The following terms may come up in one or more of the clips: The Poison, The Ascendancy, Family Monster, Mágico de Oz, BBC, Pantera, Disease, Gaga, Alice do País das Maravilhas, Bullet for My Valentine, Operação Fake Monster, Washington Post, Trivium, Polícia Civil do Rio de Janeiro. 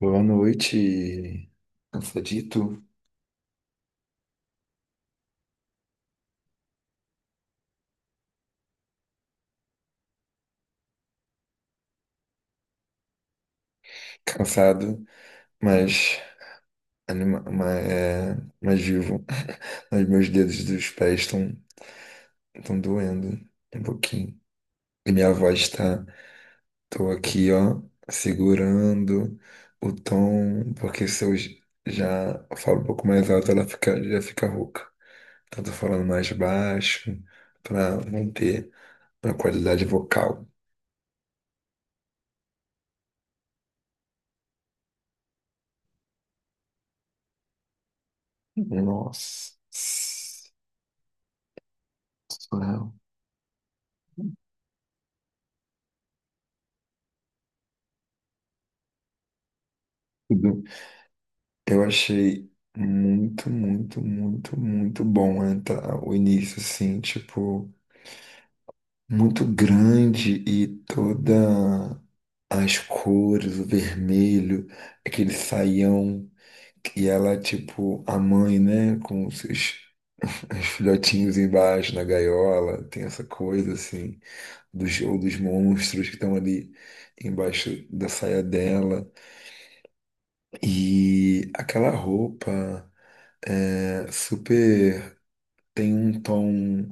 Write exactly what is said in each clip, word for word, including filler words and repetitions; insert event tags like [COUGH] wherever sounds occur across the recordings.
Boa noite, cansadito, cansado, mas, anima ma- é, mas vivo. [LAUGHS] Mas meus dedos dos pés estão estão doendo um pouquinho. E minha voz está, tô aqui, ó, segurando o tom, porque se eu j- já falo um pouco mais alto, ela fica, já fica rouca. Então tô falando mais baixo para manter a qualidade vocal. Nossa, surreal. Eu achei muito, muito, muito, muito bom, né, tá? O início, assim, tipo, muito grande e toda as cores, o vermelho, aquele saião, e ela, tipo, a mãe, né, com os seus os filhotinhos embaixo na gaiola, tem essa coisa, assim, dos, ou dos monstros que estão ali embaixo da saia dela, e aquela roupa. É, super tem um tom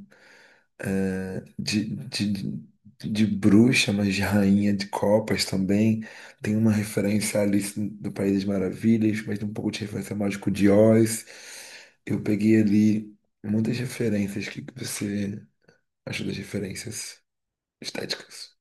de, de, de bruxa, mas de rainha de copas também. Tem uma referência a Alice do País das Maravilhas, mas tem um pouco de referência ao Mágico de Oz. Eu peguei ali muitas referências. O que que você achou das referências estéticas?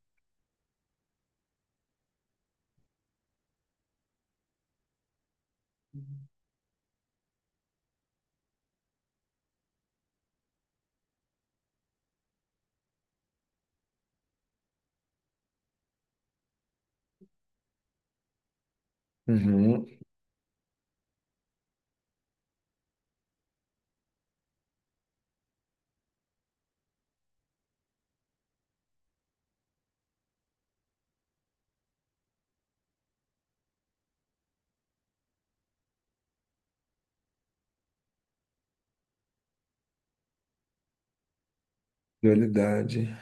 Uhum, dualidade.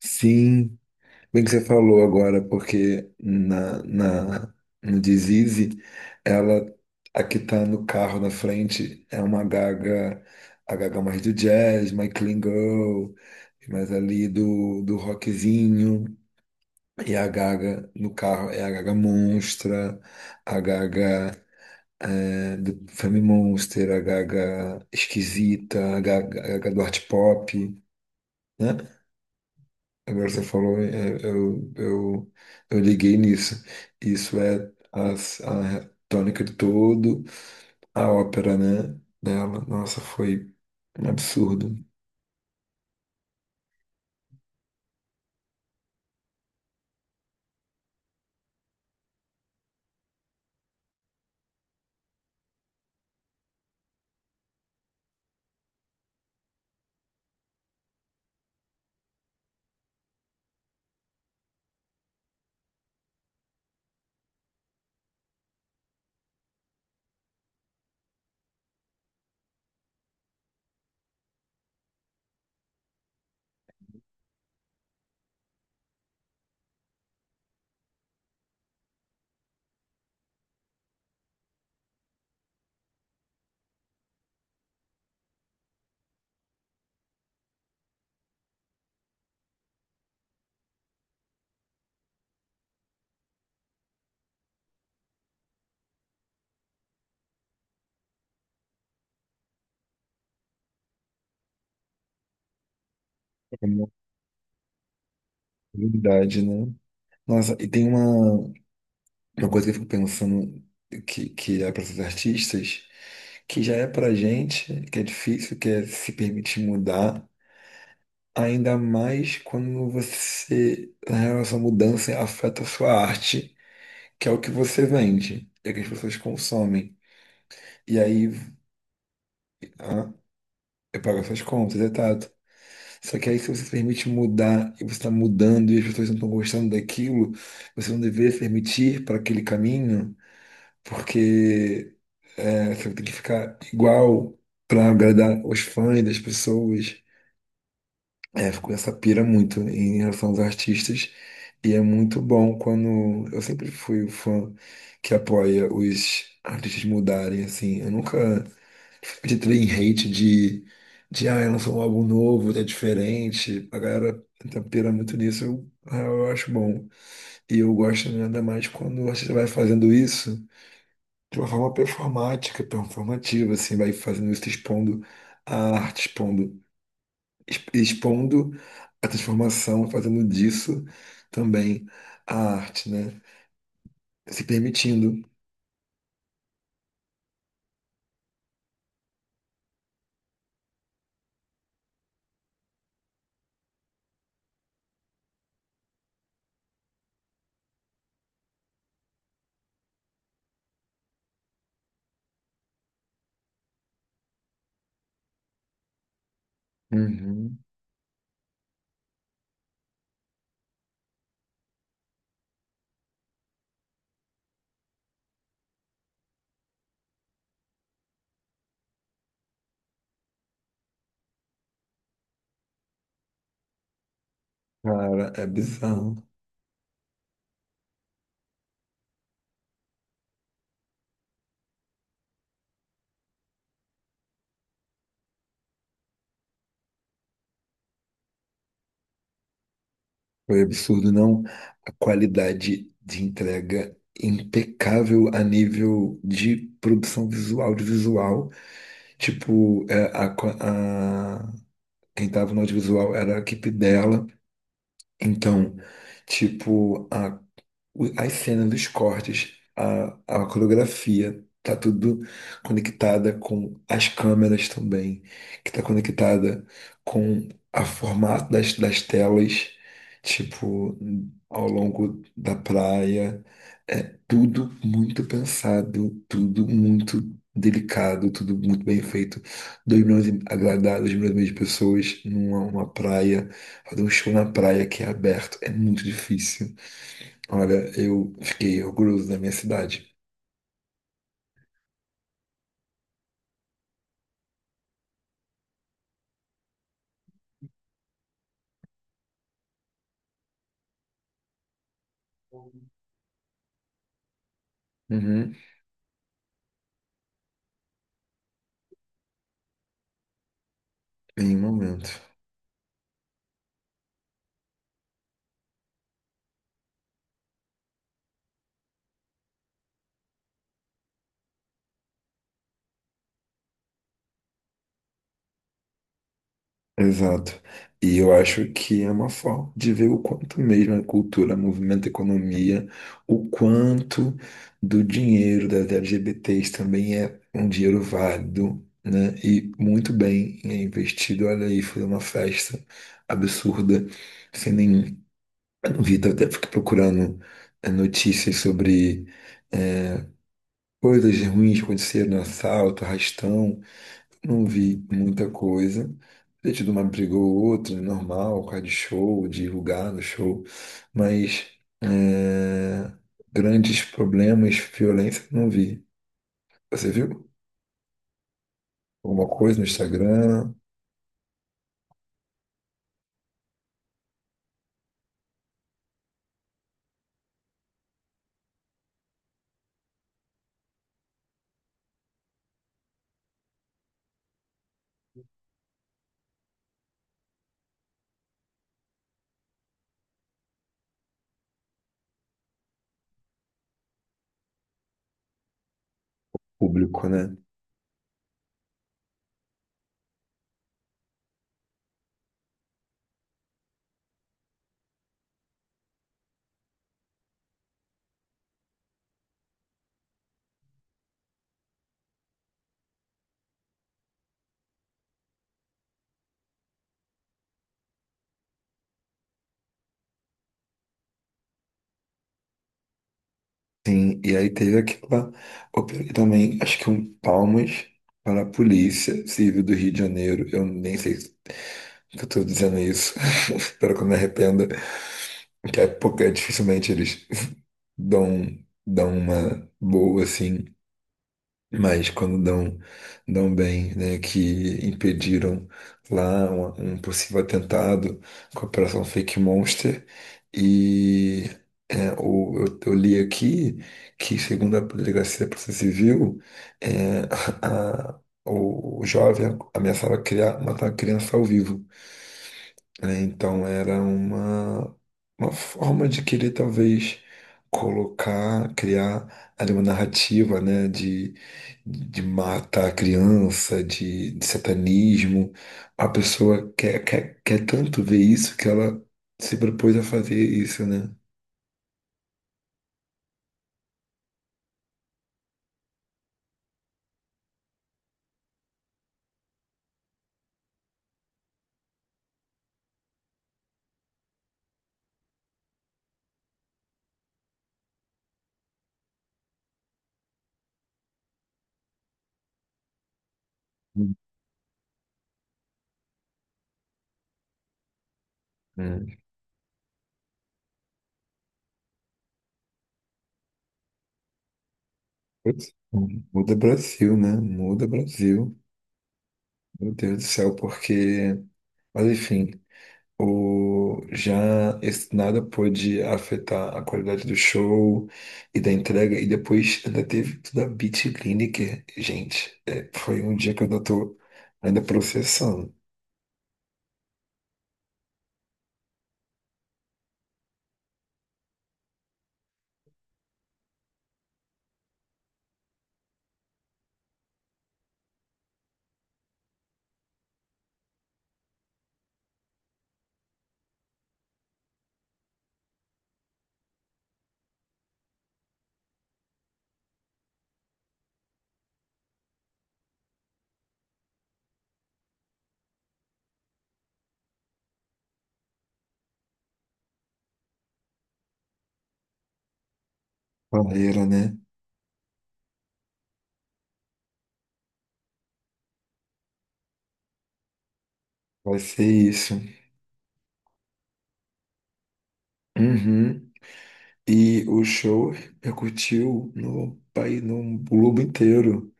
Sim. Bem que você falou agora, porque na, na, no Disease, ela, a que tá no carro na frente, é uma Gaga, a Gaga mais do jazz, mais clean girl, mais ali do, do rockzinho. E a Gaga no carro é a Gaga monstra, a Gaga é, do Family Monster, a Gaga esquisita, a Gaga, a Gaga do art pop, né? Agora você falou, é, é, eu, eu, eu liguei nisso. Isso é as- a tônica de todo a ópera, né? Dela. Nossa, foi um absurdo. É uma unidade, né? Nossa, e tem uma, uma coisa que eu fico pensando que, que é para esses artistas, que já é pra gente, que é difícil, que é se permitir mudar, ainda mais quando você, na real, essa mudança afeta a sua arte, que é o que você vende, é que as pessoas consomem. E aí ah, eu pago essas contas, é tato. Só que aí, se você se permite mudar e você está mudando e as pessoas não estão gostando daquilo, você não deveria se permitir para aquele caminho, porque é, você tem que ficar igual para agradar os fãs das pessoas. É, fico essa pira muito em relação aos artistas. E é muito bom quando. Eu sempre fui o fã que apoia os artistas mudarem, assim. Eu nunca de também hate de, de ah, lançou um álbum novo, tá diferente. A galera tenta pirar muito nisso, eu, ah, eu acho bom. E eu gosto ainda mais quando você vai fazendo isso de uma forma performática, performativa, assim, vai fazendo isso, expondo a arte, expondo, ex- expondo a transformação, fazendo disso também a arte, né? Se permitindo. Uhum. Cara, é bizarro. Foi absurdo, não. A qualidade de entrega impecável a nível de produção visual, audiovisual. Tipo, é, a, qua- a- quem estava no audiovisual era a equipe dela. Então, tipo, a o- as cenas dos cortes, a, a coreografia, tá tudo conectada com as câmeras também, que tá conectada com a formato das, das telas, tipo, ao longo da praia. É tudo muito pensado, tudo muito delicado, tudo muito bem feito. Dois milhões e agradar dois milhões e meio de pessoas numa uma praia, fazer um show na praia que é aberto, é muito difícil. Olha, eu fiquei orgulhoso da minha cidade. Uhum. Em um momento. Exato. E eu acho que é uma forma de ver o quanto mesmo a cultura, movimento, economia, o quanto do dinheiro das L G B Ts também é um dinheiro válido, né? E muito bem é investido. Olha aí, foi uma festa absurda, sem nenhum. Eu não vi, até fiquei procurando eh, notícias sobre eh, coisas ruins que aconteceram, assalto, arrastão. Não vi muita coisa. Ter tido uma briga ou outra, é normal, por causa de show, de lugar no show, mas é, grandes problemas, violência, não vi. Você viu? Alguma coisa no Instagram, público, né? Sim, e aí teve aquela. Eu peguei também, acho que um palmas para a Polícia Civil do Rio de Janeiro. Eu nem sei se eu estou dizendo isso, [LAUGHS] espero que eu me arrependa, que é porque dificilmente eles dão, dão uma boa, assim, mas quando dão, dão bem, né, que impediram lá um, um possível atentado com a Operação Fake Monster e é, o- eu, eu li aqui que, segundo a Delegacia da Polícia Civil, é, [LAUGHS] a- a- o, o jovem ameaçava criar, matar a criança ao vivo, né? Então era uma, uma forma de querer talvez colocar, criar ali uma narrativa, né? De, de matar a criança, de, de satanismo. A pessoa quer, quer, quer tanto ver isso que ela se propôs a fazer isso, né? Hum. Putz, muda Brasil, né? Muda Brasil. Meu Deus do céu, porque. Mas enfim. O, já esse nada pôde afetar a qualidade do show e da entrega, e depois ainda teve tudo a beat Bitliniker. Gente, é, foi um dia que eu ainda tô ainda processando. Barreira, né? Vai ser isso. Uhum. E o show repercutiu no país, no globo inteiro.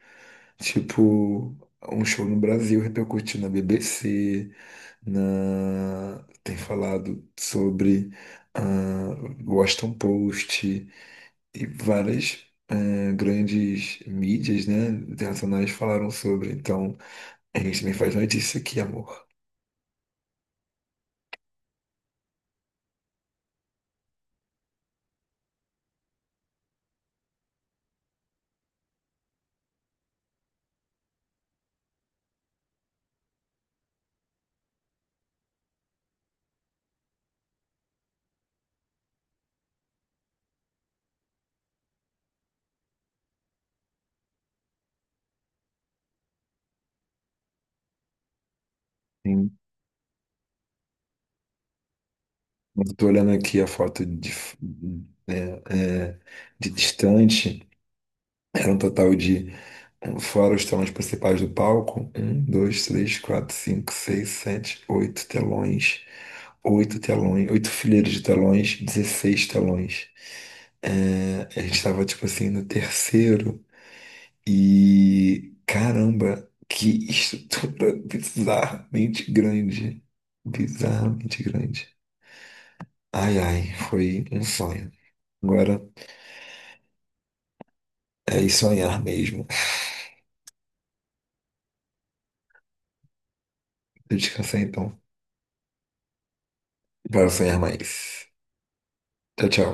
Tipo, um show no Brasil repercutiu na B B C, na... tem falado sobre ah, Washington Post e várias ah, grandes mídias, né, internacionais falaram sobre. Então, a gente também faz notícia aqui, amor. Sim. Eu tô olhando aqui a foto de, f- né, é, de distante. Era um total de, eh, fora os telões principais do palco, um, dois, três, quatro, cinco, seis, sete, oito telões, oito telões, oito fileiras de telões, dezesseis telões. Eh, a gente estava, tipo assim, no terceiro e, caramba, que estrutura [LAUGHS] bizarramente grande. Bizarramente grande. Ai, ai, foi um sonho. Agora é ir sonhar mesmo. [LAUGHS] Eu descansei então, para sonhar mais. Tchau, tchau.